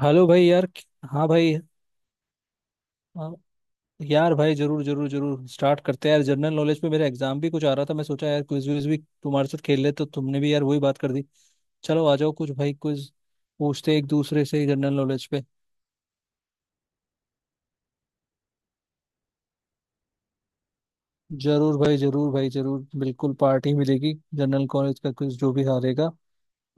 Hello भाई यार। हाँ भाई। हाँ, यार भाई जरूर जरूर जरूर स्टार्ट करते हैं यार, जनरल नॉलेज पे मेरा एग्जाम भी कुछ आ रहा था, मैं सोचा यार क्विज विज भी तुम्हारे साथ खेल ले, तो तुमने भी यार वही बात कर दी। चलो आ जाओ, कुछ भाई क्विज पूछते हैं एक दूसरे से जनरल नॉलेज पे। जरूर भाई जरूर भाई जरूर, बिल्कुल पार्टी मिलेगी। जनरल नॉलेज का क्विज जो भी हारेगा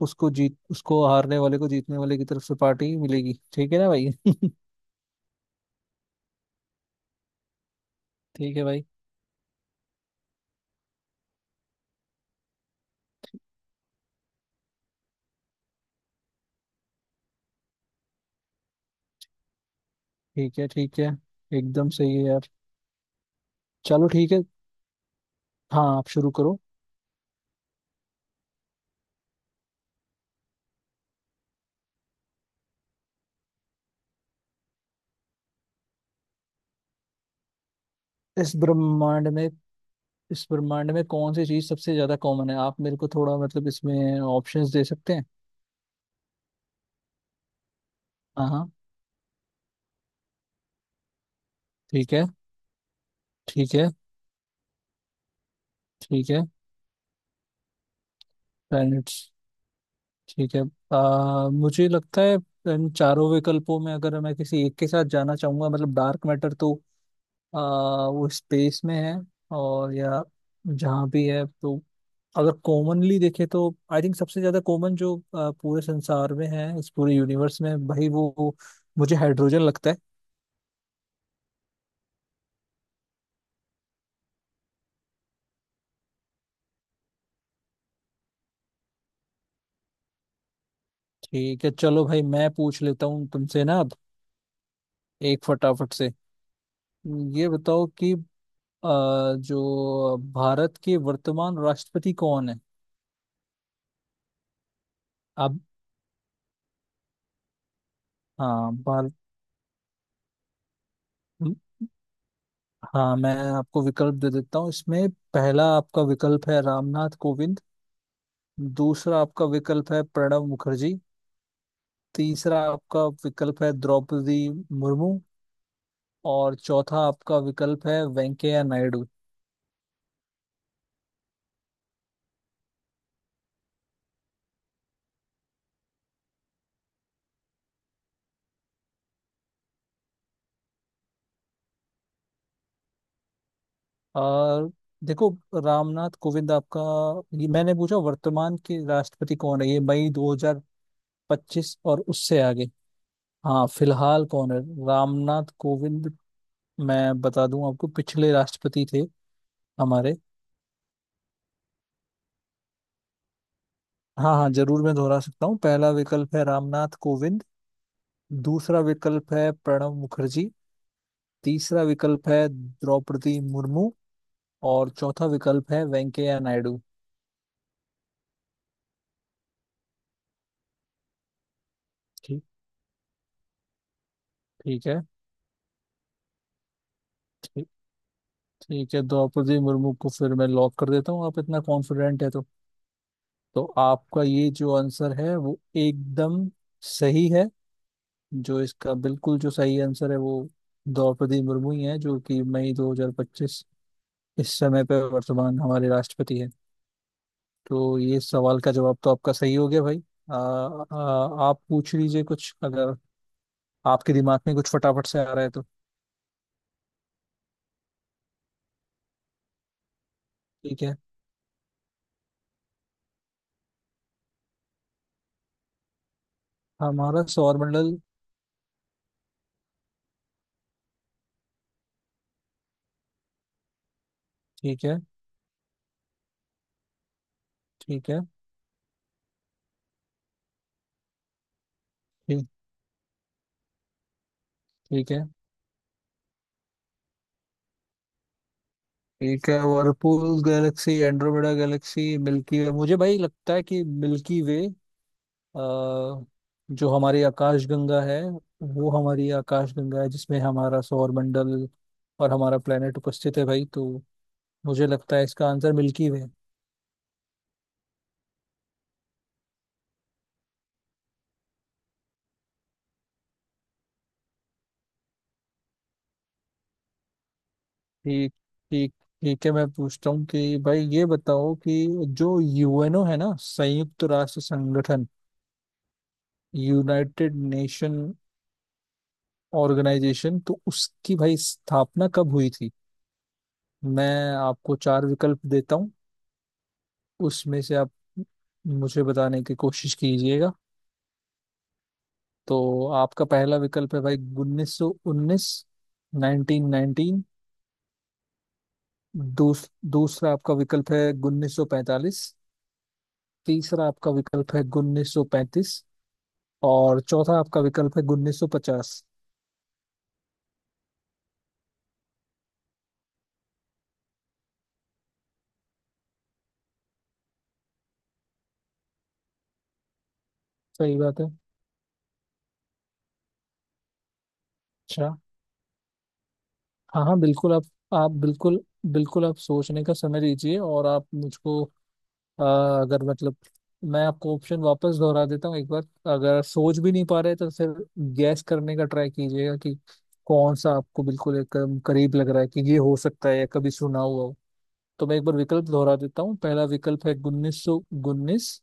उसको जीत, उसको हारने वाले को जीतने वाले की तरफ से पार्टी मिलेगी, ठीक है ना भाई? ठीक है भाई। ठीक है ठीक है, एकदम सही है यार। चलो ठीक है। हाँ आप शुरू करो। इस ब्रह्मांड में, इस ब्रह्मांड में कौन सी चीज सबसे ज्यादा कॉमन है? आप मेरे को थोड़ा मतलब इसमें ऑप्शंस दे सकते हैं। हाँ हाँ। ठीक है। ठीक है। ठीक है। प्लैनेट्स। ठीक है। मुझे लगता है इन चारों विकल्पों में अगर मैं किसी एक के साथ जाना चाहूंगा मतलब डार्क मैटर तो आ, वो स्पेस में है, और या जहाँ भी है तो अगर कॉमनली देखे तो आई थिंक सबसे ज्यादा कॉमन जो पूरे संसार में है, इस पूरे यूनिवर्स में भाई वो मुझे हाइड्रोजन लगता है। ठीक है चलो भाई, मैं पूछ लेता हूँ तुमसे ना अब, एक फटाफट से। ये बताओ कि जो भारत के वर्तमान राष्ट्रपति कौन है? अब हाँ भारत। हाँ मैं आपको विकल्प दे देता हूँ इसमें। पहला आपका विकल्प है रामनाथ कोविंद। दूसरा आपका विकल्प है प्रणब मुखर्जी। तीसरा आपका विकल्प है द्रौपदी मुर्मू। और चौथा आपका विकल्प है वेंकैया नायडू। और देखो, रामनाथ कोविंद आपका, ये मैंने पूछा वर्तमान के राष्ट्रपति कौन है, ये मई 2025। और उससे आगे, हाँ, फिलहाल कौन है? रामनाथ कोविंद मैं बता दूं आपको, पिछले राष्ट्रपति थे हमारे। हाँ हाँ जरूर, मैं दोहरा सकता हूँ। पहला विकल्प है रामनाथ कोविंद। दूसरा विकल्प है प्रणब मुखर्जी। तीसरा विकल्प है द्रौपदी मुर्मू। और चौथा विकल्प है वेंकैया नायडू। ठीक। ठीक है। ठीक है, द्रौपदी मुर्मू को फिर मैं लॉक कर देता हूँ, आप इतना कॉन्फिडेंट है तो। तो आपका ये जो आंसर है वो एकदम सही है। जो इसका बिल्कुल जो सही आंसर है वो द्रौपदी मुर्मू ही है, जो कि मई 2025 इस समय पर वर्तमान हमारे राष्ट्रपति है। तो ये सवाल का जवाब तो आपका सही हो गया भाई। आ, आ, आप पूछ लीजिए कुछ, अगर आपके दिमाग में कुछ फटाफट से आ रहा है तो। ठीक है। हमारा सौरमंडल। ठीक है। ठीक है। ठीक। ठीक है। ठीक है, whirlpool galaxy, Andromeda galaxy, milky way. मुझे भाई लगता है कि मिल्की वे, अ, जो हमारी आकाशगंगा है, वो हमारी आकाशगंगा है जिसमें हमारा सौर मंडल और हमारा प्लेनेट उपस्थित है भाई, तो मुझे लगता है इसका आंसर मिल्की वे। ठीक। ठीक। ठीक है, मैं पूछता हूँ कि भाई ये बताओ कि जो यूएनओ है ना, संयुक्त राष्ट्र संगठन, यूनाइटेड नेशन ऑर्गेनाइजेशन, तो उसकी भाई स्थापना कब हुई थी? मैं आपको चार विकल्प देता हूँ, उसमें से आप मुझे बताने की कोशिश कीजिएगा। तो आपका पहला विकल्प है भाई 1919, 1919। दूस, दूसरा आपका विकल्प है 1945। तीसरा आपका विकल्प है 1935। और चौथा आपका विकल्प है 1950। सही बात है। अच्छा। हाँ हाँ बिल्कुल आप बिल्कुल बिल्कुल आप सोचने का समय दीजिए और आप मुझको, अ, अगर मतलब, मैं आपको ऑप्शन वापस दोहरा देता हूँ एक बार, अगर सोच भी नहीं पा रहे तो फिर गैस करने का ट्राई कीजिएगा कि कौन सा आपको बिल्कुल एकदम करीब लग रहा है कि ये हो सकता है या कभी सुना हुआ हो। तो मैं एक बार विकल्प दोहरा देता हूँ। पहला विकल्प है 1919।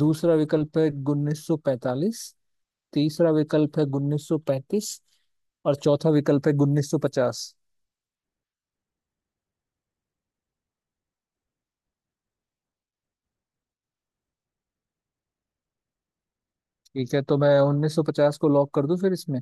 दूसरा विकल्प है 1945। तीसरा विकल्प है 1935। और चौथा विकल्प है 1950। ठीक है, तो मैं 1950 को लॉक कर दूं फिर इसमें।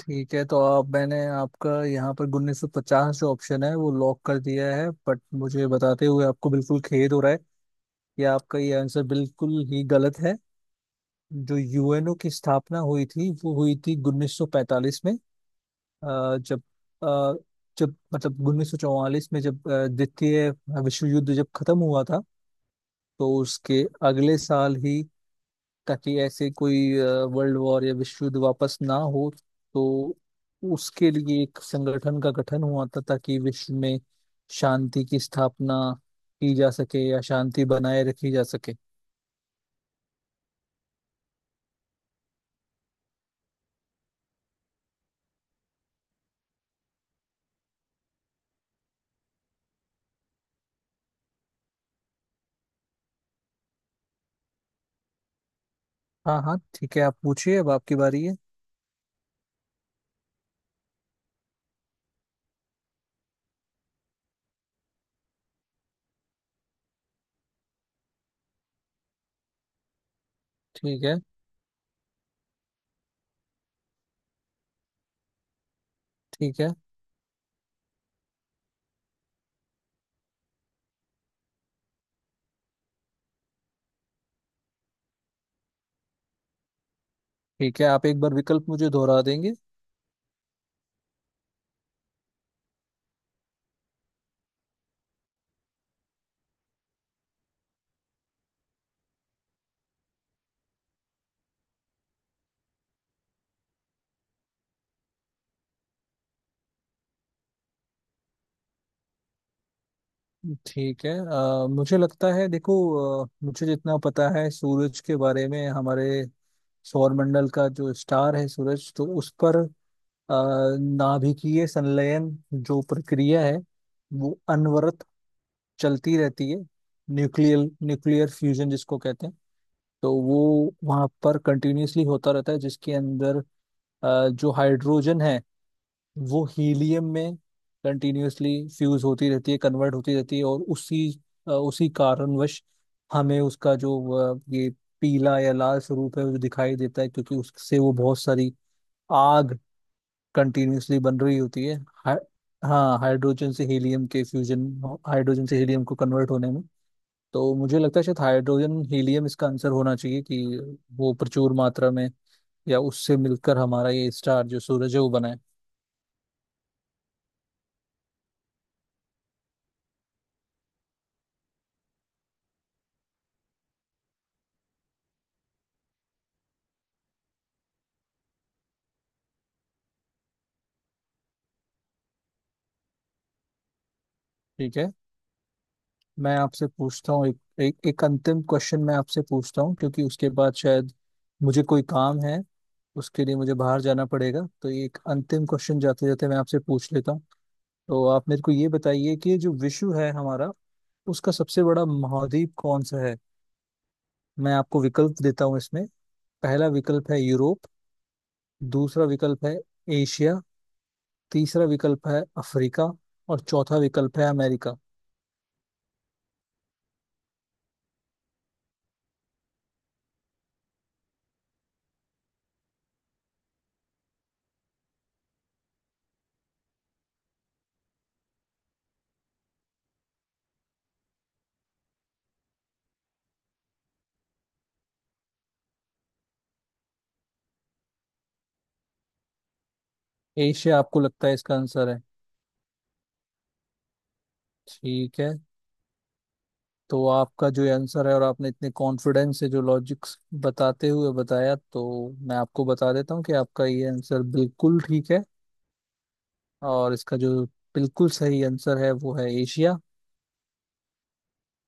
ठीक है, तो आप, मैंने आपका यहाँ पर 1950 जो ऑप्शन है वो लॉक कर दिया है, बट मुझे बताते हुए आपको बिल्कुल खेद हो रहा है कि आपका ये आंसर बिल्कुल ही गलत है। जो यूएनओ की स्थापना हुई थी वो हुई थी 1945 में। अ, जब अ, जब मतलब 1944 में जब द्वितीय विश्व युद्ध जब खत्म हुआ था, तो उसके अगले साल ही, ताकि ऐसे कोई वर्ल्ड वॉर या विश्व युद्ध वापस ना हो, तो उसके लिए एक संगठन का गठन हुआ था ताकि विश्व में शांति की स्थापना की जा सके या शांति बनाए रखी जा सके। हाँ हाँ ठीक है, आप पूछिए, अब आपकी बारी है। ठीक है। ठीक है। ठीक है, आप एक बार विकल्प मुझे दोहरा देंगे? ठीक है, मुझे लगता है देखो, मुझे जितना पता है सूरज के बारे में, हमारे सौरमंडल का जो स्टार है सूरज, तो उस पर अ, नाभिकीय संलयन जो प्रक्रिया है, वो अनवरत चलती रहती है। न्यूक्लियर न्यूक्लियर फ्यूजन जिसको कहते हैं, तो वो वहाँ पर कंटिन्यूसली होता रहता है जिसके अंदर जो हाइड्रोजन है वो हीलियम में कंटिन्यूसली फ्यूज होती रहती है, कन्वर्ट होती रहती है, और उसी उसी कारणवश हमें उसका जो ये पीला या लाल स्वरूप है वो दिखाई देता है, क्योंकि उससे वो बहुत सारी आग कंटिन्यूअसली बन रही होती है। हा, हाँ, हाइड्रोजन से हीलियम के फ्यूजन, हाइड्रोजन से हीलियम को कन्वर्ट होने में, तो मुझे लगता है शायद हाइड्रोजन हीलियम इसका आंसर होना चाहिए कि वो प्रचुर मात्रा में या उससे मिलकर हमारा ये स्टार जो सूरज है वो बना है। ठीक है। मैं आपसे पूछता हूँ एक, एक एक अंतिम क्वेश्चन मैं आपसे पूछता हूँ, क्योंकि उसके बाद शायद मुझे कोई काम है, उसके लिए मुझे बाहर जाना पड़ेगा, तो ये एक अंतिम क्वेश्चन जाते जाते मैं आपसे पूछ लेता हूँ। तो आप मेरे को ये बताइए कि जो विश्व है हमारा, उसका सबसे बड़ा महाद्वीप कौन सा है? मैं आपको विकल्प देता हूँ इसमें। पहला विकल्प है यूरोप। दूसरा विकल्प है एशिया। तीसरा विकल्प है अफ्रीका। और चौथा विकल्प है अमेरिका। एशिया आपको लगता है इसका आंसर है? ठीक है, तो आपका जो ये आंसर है, और आपने इतने कॉन्फिडेंस से जो लॉजिक्स बताते हुए बताया, तो मैं आपको बता देता हूँ कि आपका ये आंसर बिल्कुल ठीक है। और इसका जो बिल्कुल सही आंसर है वो है एशिया।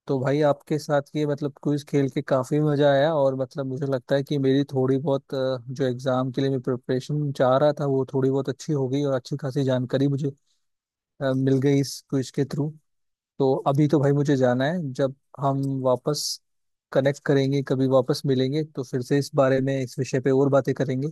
तो भाई आपके साथ ये मतलब क्विज खेल के काफी मजा आया, और मतलब मुझे लगता है कि मेरी थोड़ी बहुत जो एग्जाम के लिए मैं प्रिपरेशन चाह रहा था वो थोड़ी बहुत अच्छी हो गई, और अच्छी खासी जानकारी मुझे मिल गई इस क्विज के थ्रू। तो अभी तो भाई मुझे जाना है, जब हम वापस कनेक्ट करेंगे कभी, वापस मिलेंगे तो फिर से इस बारे में, इस विषय पे और बातें करेंगे।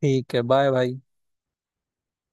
ठीक है, बाय भाई।